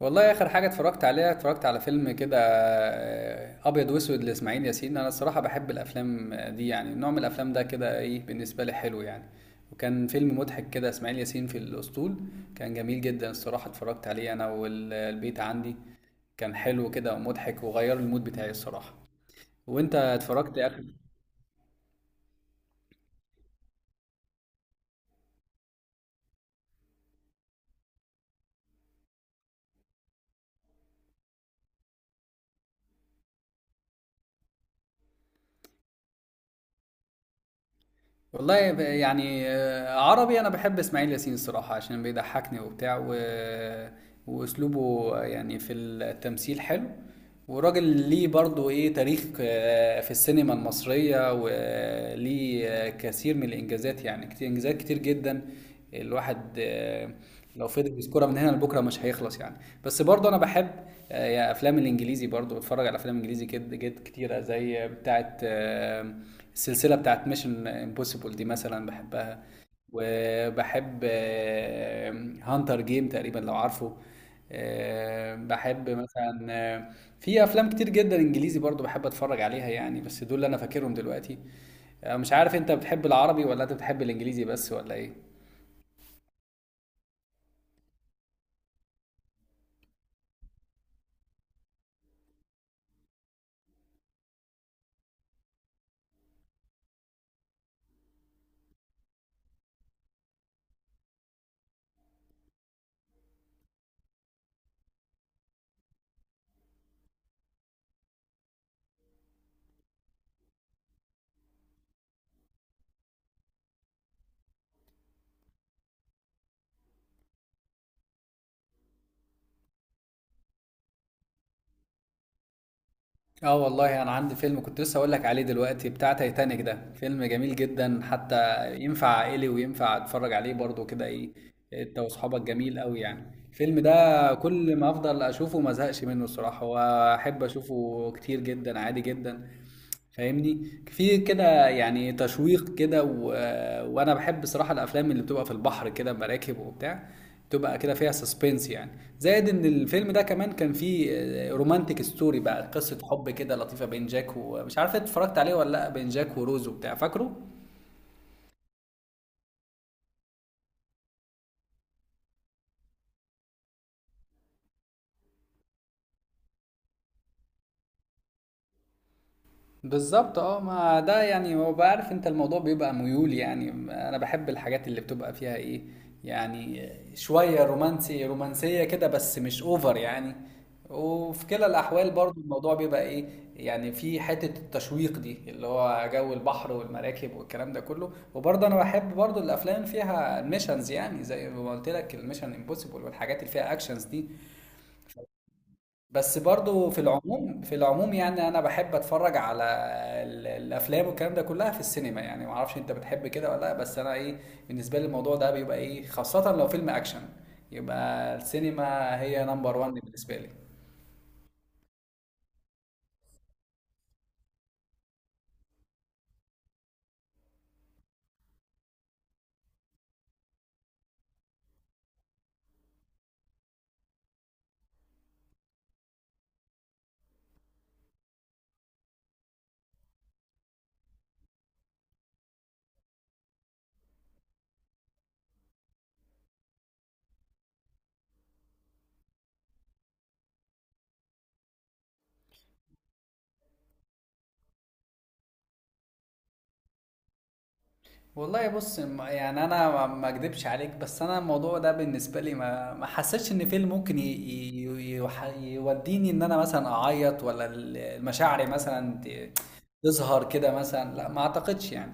والله اخر حاجه اتفرجت عليها اتفرجت على فيلم كده، ابيض واسود لاسماعيل ياسين. انا الصراحه بحب الافلام دي، يعني نوع من الافلام ده كده ايه، بالنسبه لي حلو يعني. وكان فيلم مضحك كده، اسماعيل ياسين في الاسطول. كان جميل جدا الصراحه، اتفرجت عليه انا والبيت عندي. كان حلو كده ومضحك وغير المود بتاعي الصراحه. وانت اتفرجت اخر؟ والله يعني عربي، انا بحب اسماعيل ياسين الصراحه عشان بيضحكني وبتاع و... واسلوبه يعني في التمثيل حلو وراجل. ليه برضه ايه تاريخ في السينما المصريه وليه كثير من الانجازات، يعني كتير، انجازات كتير جدا. الواحد لو فضل يذكرها من هنا لبكره مش هيخلص يعني. بس برضه انا بحب يا افلام الانجليزي، برضه بتفرج على افلام انجليزي كده جد كتيره، زي بتاعه السلسلة بتاعت ميشن امبوسيبل دي مثلا، بحبها. وبحب هانتر جيم تقريبا لو عارفه. بحب مثلا في افلام كتير جدا انجليزي برضو بحب اتفرج عليها يعني، بس دول اللي انا فاكرهم دلوقتي. مش عارف انت بتحب العربي ولا انت بتحب الانجليزي بس ولا ايه؟ اه والله انا عندي فيلم كنت لسه اقول لك عليه دلوقتي، بتاع تايتانيك ده، فيلم جميل جدا حتى. ينفع عائلي وينفع اتفرج عليه برضه كده ايه انت واصحابك. جميل قوي يعني الفيلم ده، كل ما افضل اشوفه ما ازهقش منه الصراحة، واحب اشوفه كتير جدا عادي جدا. فاهمني في كده يعني تشويق كده و... وانا بحب بصراحه الافلام اللي بتبقى في البحر كده، مراكب وبتاع، بتبقى كده فيها سسبنس يعني. زائد ان الفيلم ده كمان كان فيه رومانتك ستوري بقى، قصه حب كده لطيفه بين جاك، ومش عارف إنت اتفرجت عليه ولا لا، بين جاك وروز وبتاع فاكره. بالظبط، اه، ما ده يعني هو بعرف انت الموضوع بيبقى ميول يعني. انا بحب الحاجات اللي بتبقى فيها ايه يعني، شوية رومانسي، رومانسية كده بس مش اوفر يعني. وفي كلا الاحوال برضو الموضوع بيبقى ايه يعني في حتة التشويق دي، اللي هو جو البحر والمراكب والكلام ده كله. وبرضه انا بحب برضو الافلام فيها ميشنز يعني، زي ما قلت لك الميشن امبوسيبل والحاجات اللي فيها اكشنز دي. بس برضو في العموم يعني انا بحب اتفرج على الافلام والكلام ده كلها في السينما يعني. ما اعرفش انت بتحب كده ولا لا، بس انا ايه، بالنسبه لي الموضوع ده بيبقى ايه خاصه لو فيلم اكشن، يبقى السينما هي نمبر وان بالنسبه لي. والله بص يعني انا ما اكدبش عليك، بس انا الموضوع ده بالنسبه لي ما حسيتش ان فيلم ممكن يوديني ان انا مثلا اعيط، ولا المشاعر مثلا تظهر كده مثلا، لا ما اعتقدش يعني.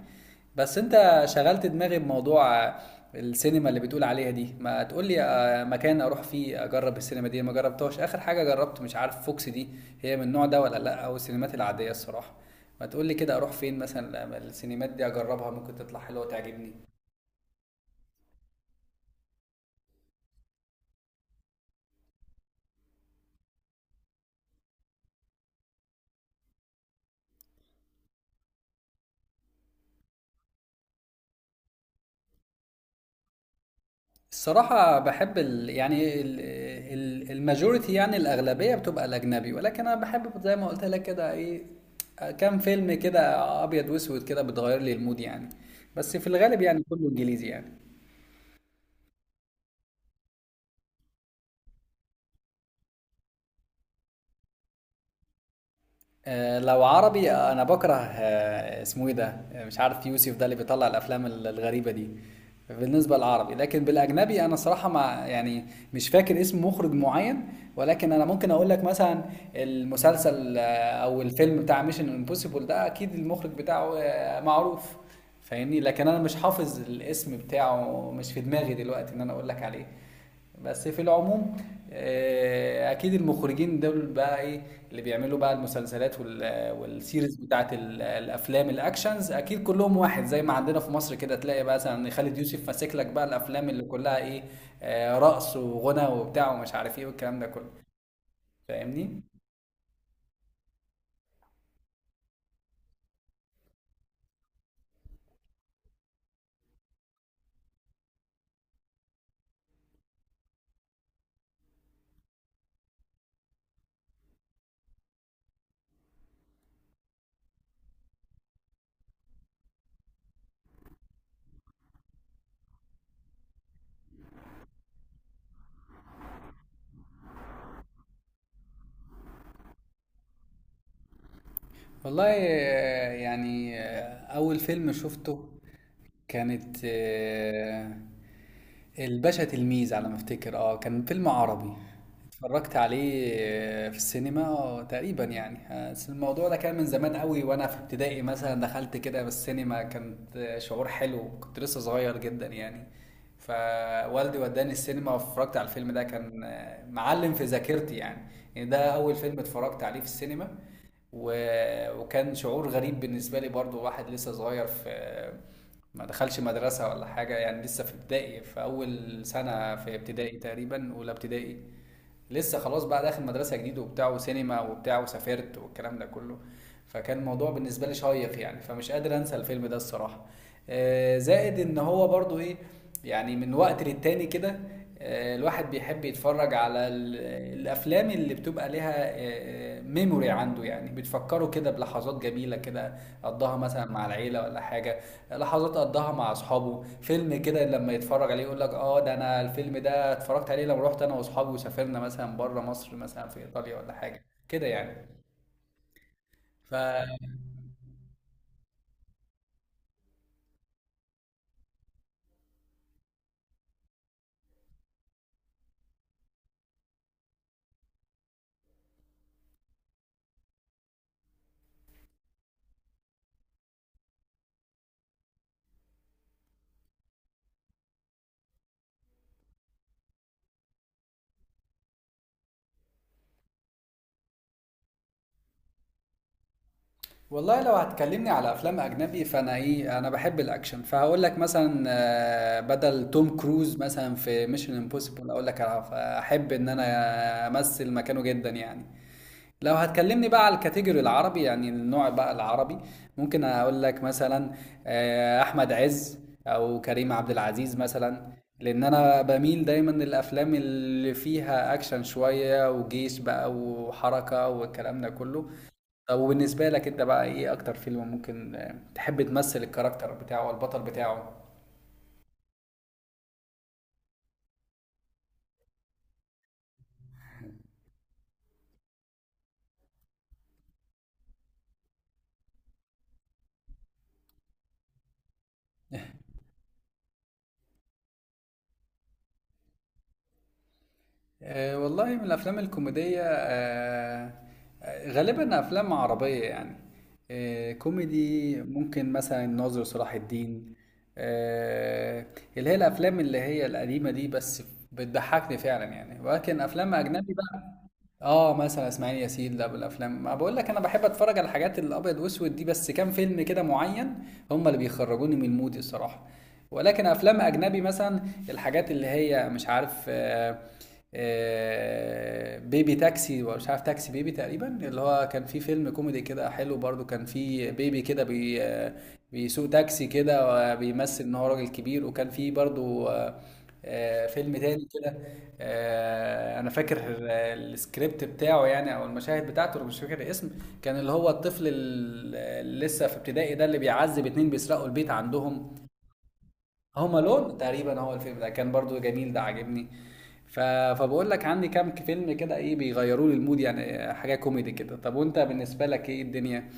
بس انت شغلت دماغي بموضوع السينما اللي بتقول عليها دي. ما تقول لي مكان اروح فيه اجرب السينما دي، ما جربتهاش، اخر حاجه جربت مش عارف فوكس دي هي من النوع ده ولا لا، او السينمات العاديه الصراحه. ما تقول لي كده اروح فين مثلا لما السينمات دي اجربها، ممكن تطلع حلوه وتعجبني. الصراحه بحب ال، يعني ال، ال الماجوريتي يعني الاغلبيه بتبقى الاجنبي، ولكن انا بحب زي ما قلت لك كده ايه كام فيلم كده ابيض واسود كده، بتغير لي المود يعني. بس في الغالب يعني كله انجليزي يعني. لو عربي، انا بكره اسمه ايه ده، مش عارف، يوسف ده اللي بيطلع الافلام الغريبه دي، بالنسبه للعربي. لكن بالاجنبي انا صراحه مع يعني، مش فاكر اسم مخرج معين. ولكن انا ممكن اقول لك مثلا المسلسل او الفيلم بتاع ميشن امبوسيبل ده، اكيد المخرج بتاعه معروف، فاهمني. لكن انا مش حافظ الاسم بتاعه، مش في دماغي دلوقتي ان انا اقول لك عليه. بس في العموم اكيد المخرجين دول بقى ايه، اللي بيعملوا بقى المسلسلات والسيريز بتاعت الافلام الاكشنز، اكيد كلهم واحد. زي ما عندنا في مصر كده تلاقي بقى مثلا خالد يوسف ماسك لك بقى الافلام اللي كلها ايه رقص وغنى وبتاع ومش عارف ايه والكلام ده كله، فاهمني. والله يعني أول فيلم شفته كانت الباشا تلميذ على ما افتكر. اه كان فيلم عربي، اتفرجت عليه في السينما تقريبا يعني. بس الموضوع ده كان من زمان قوي وانا في ابتدائي مثلا، دخلت كده بالسينما كانت شعور حلو، كنت لسه صغير جدا يعني. فوالدي وداني السينما واتفرجت على الفيلم ده، كان معلم في ذاكرتي يعني. يعني ده اول فيلم اتفرجت عليه في السينما. و... وكان شعور غريب بالنسبة لي برضو، واحد لسه صغير، في ما دخلش مدرسة ولا حاجة يعني، لسه في ابتدائي، في أول سنة في ابتدائي تقريبا، أولى ابتدائي. لسه خلاص بقى داخل مدرسه جديده وبتاع، وسينما وبتاع، وسافرت والكلام ده كله. فكان الموضوع بالنسبه لي شيق يعني، فمش قادر انسى الفيلم ده الصراحه. زائد ان هو برضو ايه يعني، من وقت للتاني كده الواحد بيحب يتفرج على الافلام اللي بتبقى لها ميموري عنده يعني، بتفكره كده بلحظات جميله كده قضاها مثلا مع العيله ولا حاجه، لحظات قضاها مع اصحابه. فيلم كده لما يتفرج عليه يقول لك اه ده، انا الفيلم ده اتفرجت عليه لما رحت انا واصحابي وسافرنا مثلا بره مصر مثلا في ايطاليا ولا حاجه كده يعني. ف والله لو هتكلمني على افلام اجنبي فانا ايه، انا بحب الاكشن، فهقول لك مثلا بدل توم كروز مثلا في ميشن امبوسيبل، اقول لك احب ان انا امثل مكانه جدا يعني. لو هتكلمني بقى على الكاتيجوري العربي، يعني النوع بقى العربي، ممكن اقول لك مثلا احمد عز او كريم عبد العزيز مثلا، لان انا بميل دايما للافلام اللي فيها اكشن شوية وجيش بقى وحركة والكلام ده كله. طب وبالنسبة لك انت بقى، ايه اكتر فيلم ممكن تحب تمثل الكاركتر بتاعه والبطل بتاعه؟ أه والله من الأفلام الكوميدية، أه غالبا أفلام عربية يعني. أه كوميدي ممكن مثلا الناظر صلاح الدين، أه، اللي هي الأفلام اللي هي القديمة دي، بس بتضحكني فعلا يعني. ولكن أفلام أجنبي بقى، اه مثلا اسماعيل ياسين ده، بالافلام ما بقول لك انا بحب اتفرج على الحاجات الابيض واسود دي، بس كام فيلم كده معين هم اللي بيخرجوني من المود الصراحه. ولكن افلام اجنبي مثلا الحاجات اللي هي مش عارف بيبي تاكسي ولا مش عارف تاكسي بيبي تقريبا، اللي هو كان فيه فيلم كوميدي كده حلو برضو، كان فيه بيبي كده بي آه، بيسوق تاكسي كده وبيمثل ان هو راجل كبير. وكان فيه برضو فيلم تاني كده. أنا فاكر السكريبت بتاعه يعني أو المشاهد بتاعته، أنا مش فاكر الاسم. كان اللي هو الطفل ال، اللي لسه في ابتدائي ده، اللي بيعذب 2 بيسرقوا البيت عندهم. هوم ألون تقريبا هو الفيلم ده، كان برضه جميل، ده عاجبني. ف فباقول لك عندي كام ك فيلم كده إيه بيغيّروا لي المود يعني، حاجة كوميدي كده. طب وأنت بالنسبة لك إيه الدنيا؟